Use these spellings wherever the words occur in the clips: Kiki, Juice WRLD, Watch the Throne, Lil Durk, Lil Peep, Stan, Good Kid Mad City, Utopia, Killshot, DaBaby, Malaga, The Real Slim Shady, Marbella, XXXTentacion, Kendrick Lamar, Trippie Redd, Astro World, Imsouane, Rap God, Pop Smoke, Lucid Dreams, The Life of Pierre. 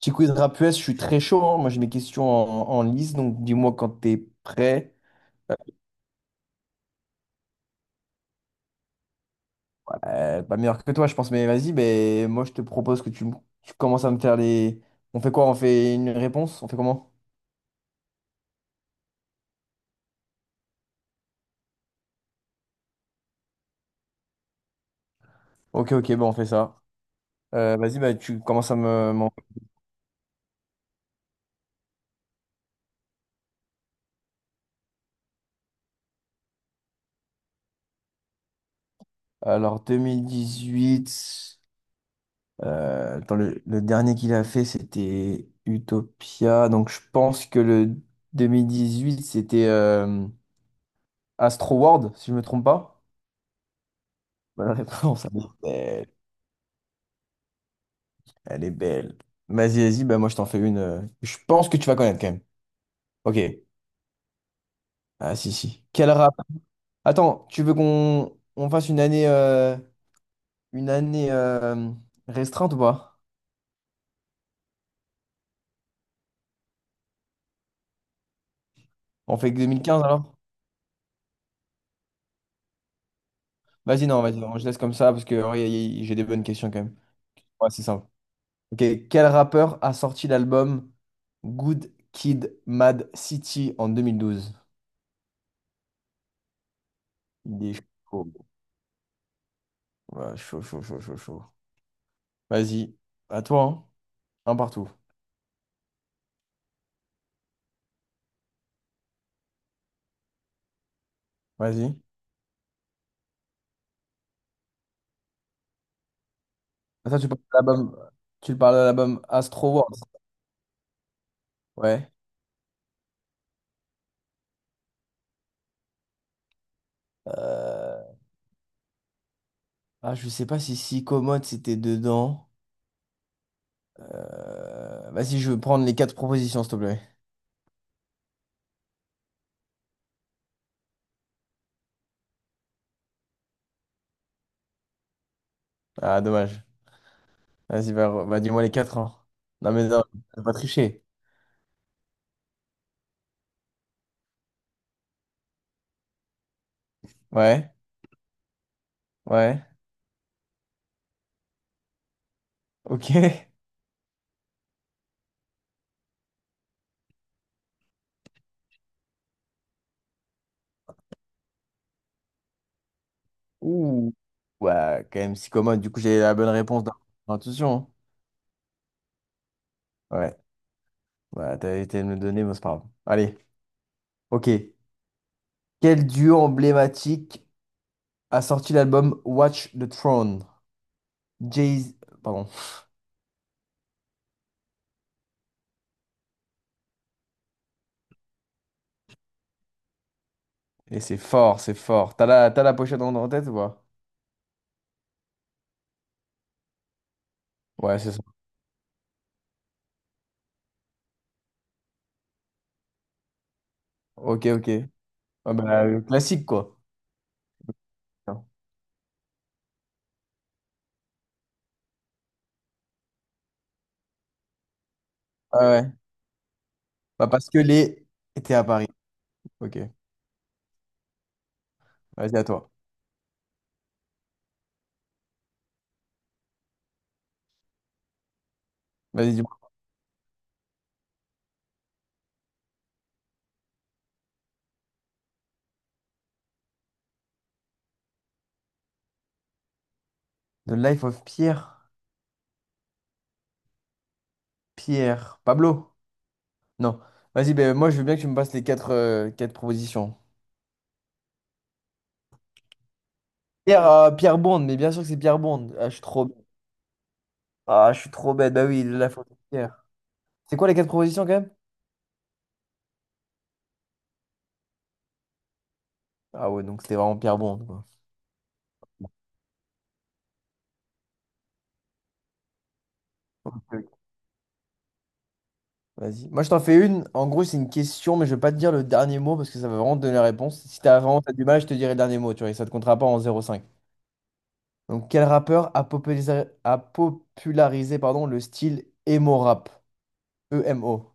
Petit quiz rap US, je suis très chaud, hein. Moi, j'ai mes questions en liste, donc dis-moi quand t'es prêt. Pas meilleur que toi, je pense, mais vas-y. Mais moi, je te propose que tu commences à me faire les. On fait quoi? On fait une réponse? On fait comment? Ok, ok, bon, on fait ça. Vas-y, bah, tu commences à me, m'en- Alors, 2018, attends, le dernier qu'il a fait, c'était Utopia. Donc, je pense que le 2018, c'était Astro World, si je me trompe pas. Bonne réponse. Elle est belle. Vas-y, vas-y, bah moi je t'en fais une. Je pense que tu vas connaître quand même. Ok. Ah si, si. Quel rap? Attends, tu veux qu'on fasse une année restreinte ou pas? On fait que 2015 alors? Vas-y, non, je laisse comme ça parce que ouais, j'ai des bonnes questions quand même. Ouais, c'est simple. Ok. Quel rappeur a sorti l'album Good Kid Mad City en 2012? Il est chaud. Ouais, chaud, chaud, chaud, chaud, chaud. Vas-y, à toi, hein. Un partout. Vas-y. Ah, tu parles de l'album Astro World. Ouais. Euh, Ah, je sais pas si Si Commode c'était dedans. Vas-y, je veux prendre les quatre propositions, s'il te plaît. Ah, dommage. Vas-y, bah, dis-moi les quatre, hein. Non, mais non, t'as pas triché. Ouais, ouais, ok. Ouh. Ouais, quand même, Si Commode, du coup, j'ai la bonne réponse dans l'intuition, hein. Ouais, bah, t'as été me le donner, mais c'est pas grave. Allez, ok. Quel duo emblématique a sorti l'album Watch the Throne? Jay... Pardon. Et c'est fort, c'est fort. T'as la pochette en tête ou pas? Ouais, c'est ça. Ok, ok. Ah bah, classique, quoi. Non. Ah ouais. Bah, parce que les étaient à Paris. Ok. Vas-y, à toi. Vas-y, dis-moi. The Life of Pierre. Pierre. Pablo? Non. Vas-y, ben moi, je veux bien que tu me passes les quatre propositions. Pierre Bond, mais bien sûr que c'est Pierre Bond. Ah, je suis trop bête. Ah, je suis trop bête. Bah oui, The Life of Pierre. C'est quoi les quatre propositions, quand même? Ah ouais, donc c'était vraiment Pierre Bond, quoi. Vas-y. Moi, je t'en fais une. En gros, c'est une question, mais je vais pas te dire le dernier mot parce que ça va vraiment te donner la réponse. Si t'as vraiment t'as du mal, je te dirai le dernier mot, tu vois, et ça te comptera pas en zéro virgule cinq. Donc, quel rappeur a popularisé, pardon, le style emo rap? E-M-O.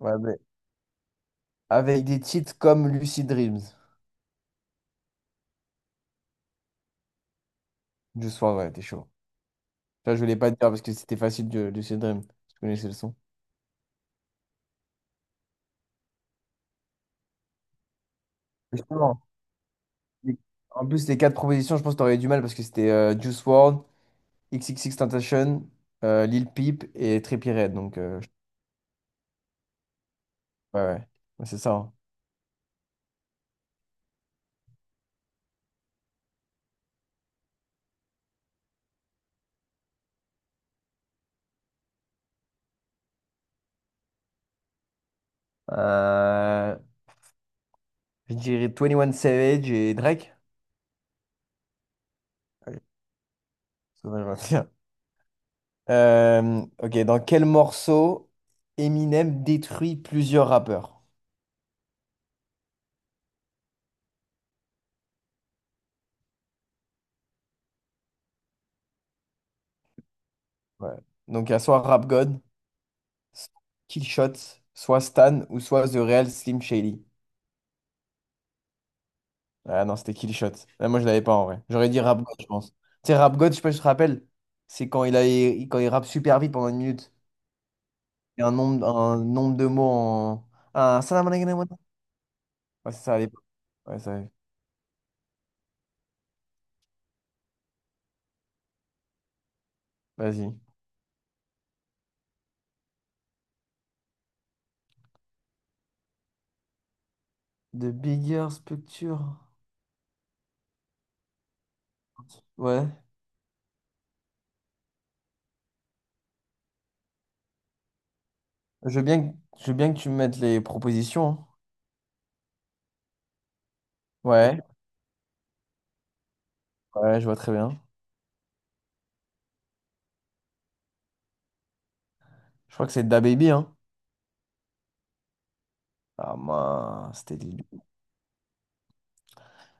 Ouais, mais avec des titres comme Lucid Dreams. Du soir, ouais, t'es chaud. Ça, je voulais pas te dire parce que c'était facile, de Lucid Dreams. Tu connaissais le son. Justement. les- En plus, les quatre propositions, je pense que t'aurais eu du mal parce que c'était Juice WRLD, XXXTentacion, Lil Peep et Trippie Redd. Donc, ouais, ouais. Ouais, c'est ça, hein. Euh, je dirais 21 Savage et Drake. Ouais, ça va, je vois bien. Ok, dans quel morceau Eminem détruit plusieurs rappeurs? Ouais. Donc, il y a soit Rap God, soit Killshot, soit Stan ou soit The Real Slim Shady. Ah non, c'était Killshot. Ah, moi, je l'avais pas en vrai. J'aurais dit Rap God, je pense. Tu sais, Rap God, je sais pas si tu te rappelles, c'est quand il rappe super vite pendant une minute. Et un nombre de mots en. Un... Ouais, c'est ça, ouais, ça arrive. Vas-y. The bigger structure. Ouais. Je veux bien que tu me mettes les propositions, hein. Ouais. Ouais, je vois très bien. Je crois que c'est DaBaby, hein. Ah mince, c'était lui.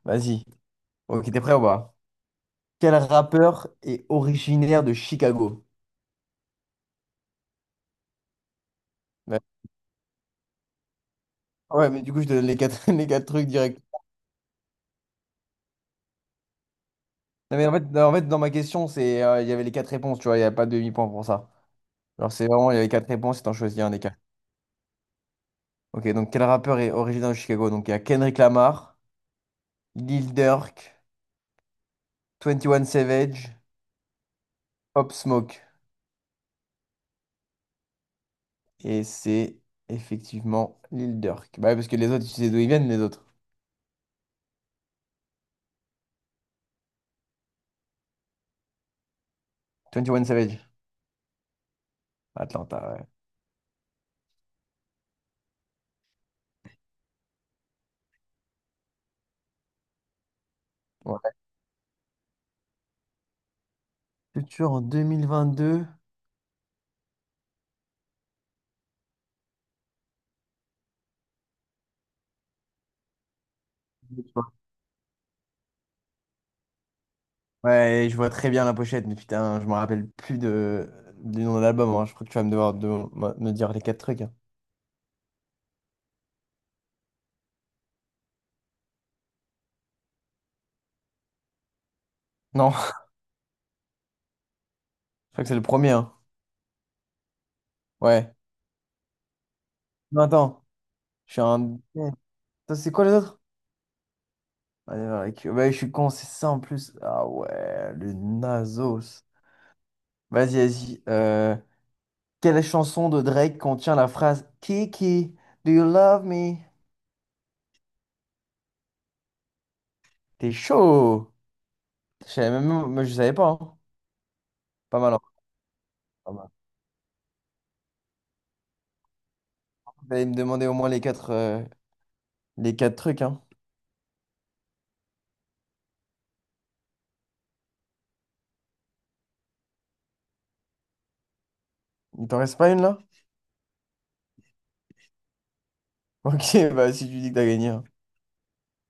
Vas-y. Ok, t'es prêt ou pas? Quel rappeur est originaire de Chicago? Ouais, Ah ouais, mais du coup, je te donne les quatre, les quatre trucs direct. Non, mais en fait, non, en fait, dans ma question, c'est, il y avait les quatre réponses, tu vois, il n'y a pas de demi-point pour ça. Alors, c'est vraiment, il y avait quatre réponses et t'en choisis un des quatre. Ok, donc quel rappeur est originaire de Chicago? Donc, il y a Kendrick Lamar, Lil Durk, 21 Savage, Pop Smoke. Et c'est effectivement Lil Durk. Bah ouais, parce que les autres, tu sais d'où ils viennent, les autres. 21 Savage, Atlanta, ouais. Ouais. Culture en 2022. Ouais, je vois très bien la pochette, mais putain, je me rappelle plus du nom de l'album, hein. Je crois que tu vas me devoir de me dire les quatre trucs, hein. Non, je crois que c'est le premier, hein. Ouais. Non, attends, je suis un. Attends, c'est quoi les autres? Allez, Ouais, je suis con, c'est ça en plus. Ah ouais, le Nasos. Vas-y, vas-y. Quelle chanson de Drake contient la phrase Kiki, do you love me? T'es chaud! Je savais même, moi, je savais pas, hein. Pas mal, hein. Pas mal. Vous allez me demander au moins les quatre trucs, hein. Il t'en reste pas une là? Ok, bah si tu dis que t'as gagné, hein.